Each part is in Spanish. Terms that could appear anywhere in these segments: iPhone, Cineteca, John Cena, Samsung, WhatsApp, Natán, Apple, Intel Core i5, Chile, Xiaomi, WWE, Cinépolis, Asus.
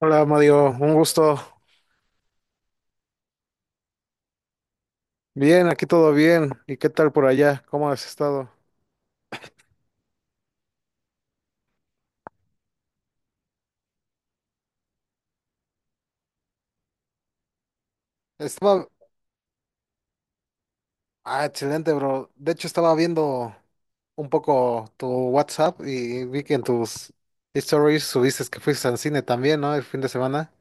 Hola Mario, un gusto. Bien, aquí todo bien. ¿Y qué tal por allá? ¿Cómo has estado? Estaba... Ah, excelente, bro. De hecho, estaba viendo un poco tu WhatsApp y vi que en tus stories subiste que fuiste al cine también, ¿no? El fin de semana.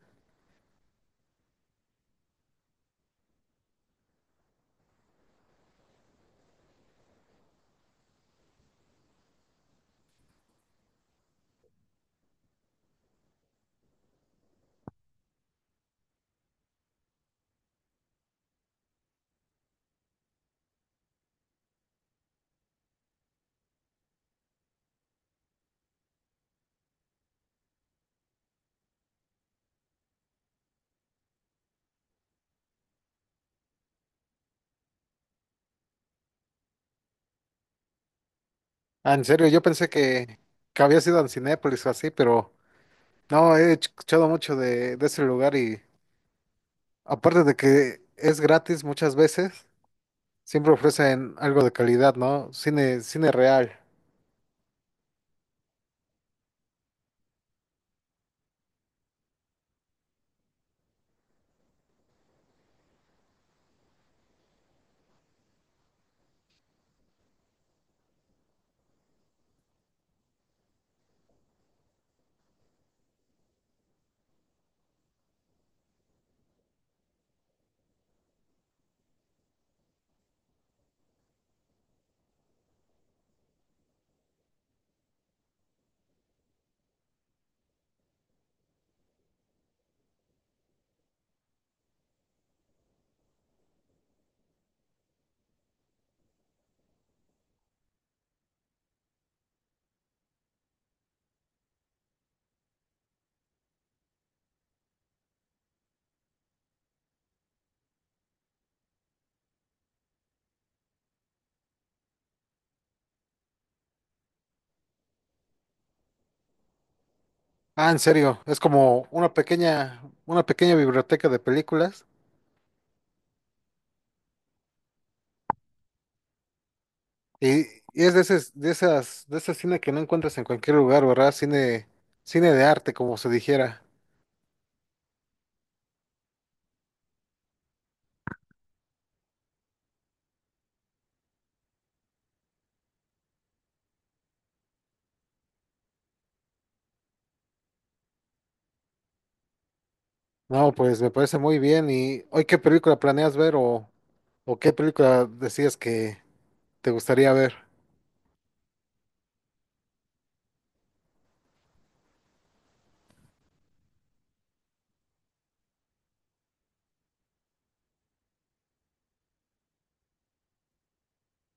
Ah, en serio, yo pensé que habías ido a Cinépolis o así, pero no, he escuchado mucho de ese lugar y aparte de que es gratis muchas veces, siempre ofrecen algo de calidad, ¿no? Cine, cine real. Ah, en serio, es como una pequeña biblioteca de películas y, y es de ese, de esas, de ese cine que no encuentras en cualquier lugar, ¿verdad? Cine, cine de arte, como se dijera. No, pues me parece muy bien. ¿Y hoy qué película planeas ver o qué película decías que te gustaría ver?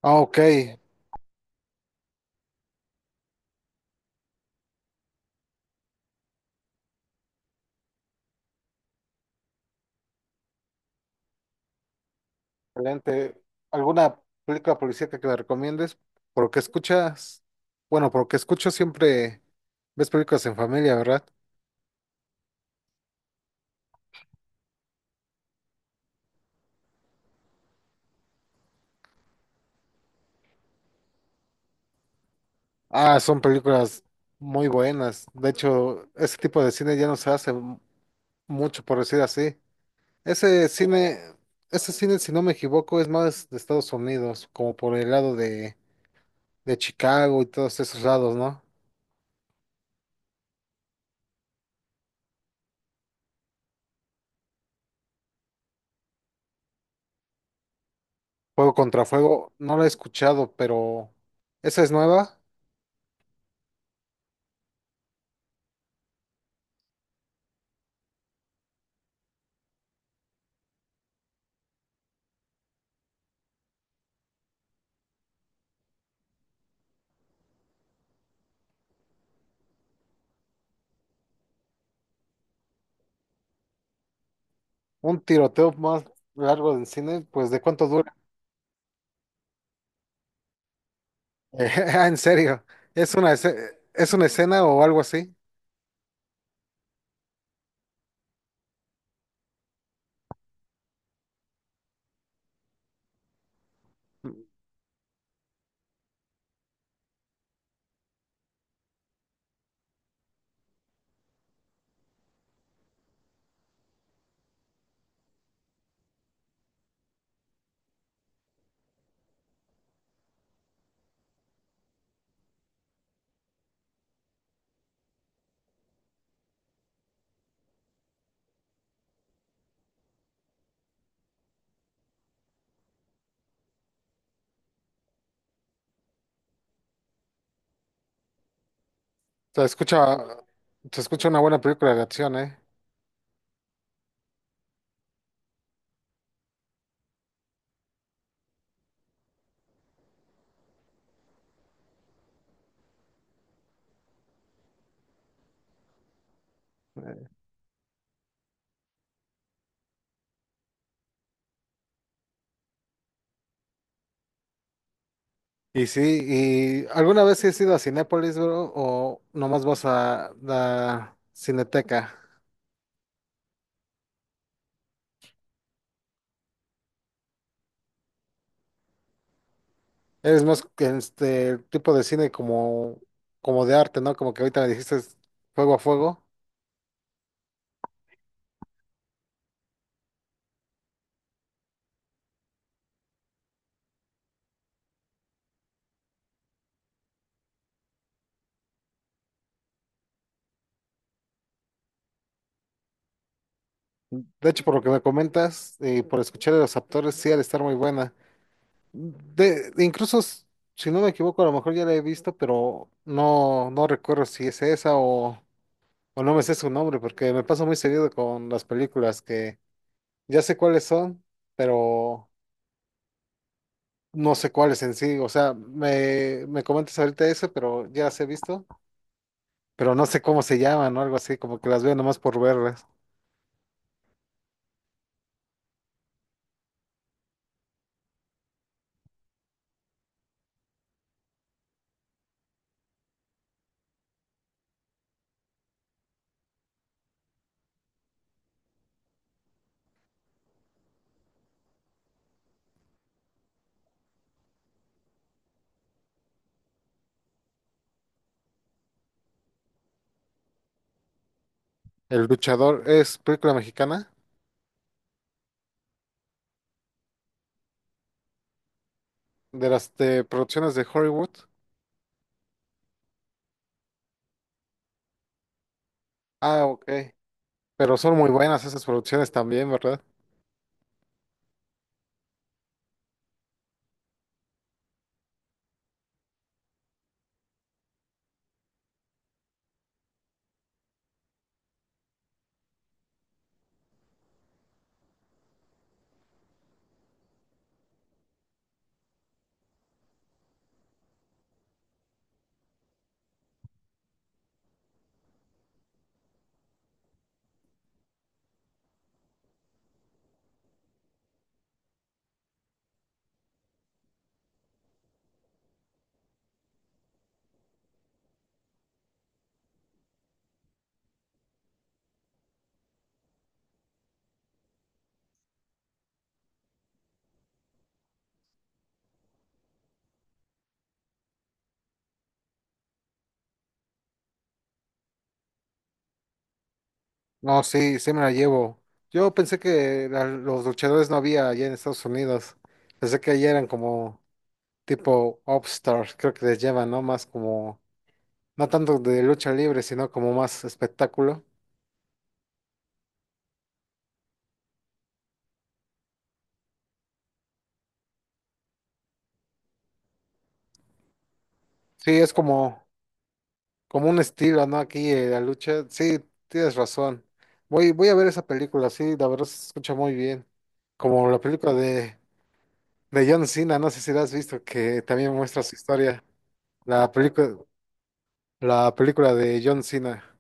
Ah, ok, excelente. ¿Alguna película policíaca que me recomiendes? Por lo que escuchas, bueno, por lo que escucho siempre ves películas en familia, ¿verdad? Ah, son películas muy buenas. De hecho, ese tipo de cine ya no se hace mucho, por decir así. Ese cine, ese cine, si no me equivoco, es más de Estados Unidos, como por el lado de Chicago y todos esos lados, ¿no? Fuego contra fuego, no la he escuchado, pero esa es nueva. Un tiroteo más largo del cine, pues ¿de cuánto dura? Ah, en serio, ¿es una, es una escena o algo así? Se escucha, se escucha una buena película de acción, ¿eh? Y sí, ¿y alguna vez has ido a Cinépolis, bro? ¿O nomás vas a la Cineteca? Eres más que este el tipo de cine como, como de arte, ¿no? Como que ahorita me dijiste es fuego a fuego. De hecho, por lo que me comentas y por escuchar a los actores, sí, al estar muy buena. De, incluso, si no me equivoco, a lo mejor ya la he visto, pero no, no recuerdo si es esa o no me sé su nombre, porque me pasa muy seguido con las películas que ya sé cuáles son, pero. No sé cuáles en sí, o sea, me comentas ahorita eso, pero ya las he visto, pero no sé cómo se llaman o algo así, como que las veo nomás por verlas. El luchador es película mexicana de las de producciones de Hollywood. Ah, ok. Pero son muy buenas esas producciones también, ¿verdad? No, sí, sí me la llevo. Yo pensé que los luchadores no había allá en Estados Unidos. Pensé que allá eran como tipo upstars, creo que les llevan, ¿no? Más como, no tanto de lucha libre, sino como más espectáculo. Sí, es como, como un estilo, ¿no? Aquí la lucha. Sí, tienes razón. Voy, voy a ver esa película, sí, la verdad se escucha muy bien. Como la película de John Cena, no sé si la has visto, que también muestra su historia. La película, la película de John Cena,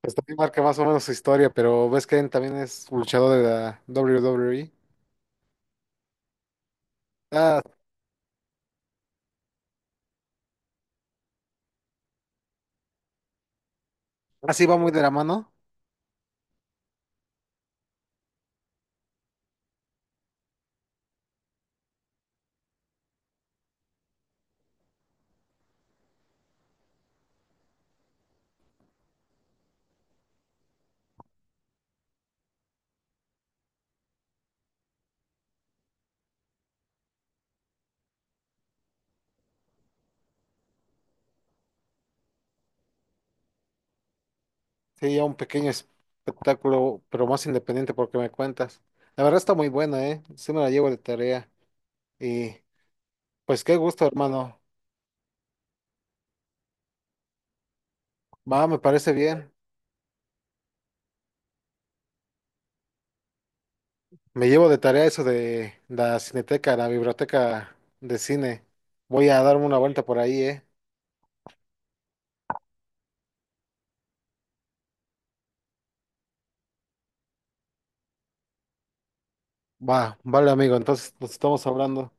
pues también marca más o menos su historia, pero ves que él también es luchador de la WWE. Ah, así va muy de la mano. Sí, ya un pequeño espectáculo, pero más independiente porque me cuentas. La verdad está muy buena, ¿eh? Sí me la llevo de tarea. Y pues qué gusto, hermano. Va, me parece bien. Me llevo de tarea eso de la cineteca, la biblioteca de cine. Voy a darme una vuelta por ahí, ¿eh? Va, vale, amigo, entonces nos estamos hablando.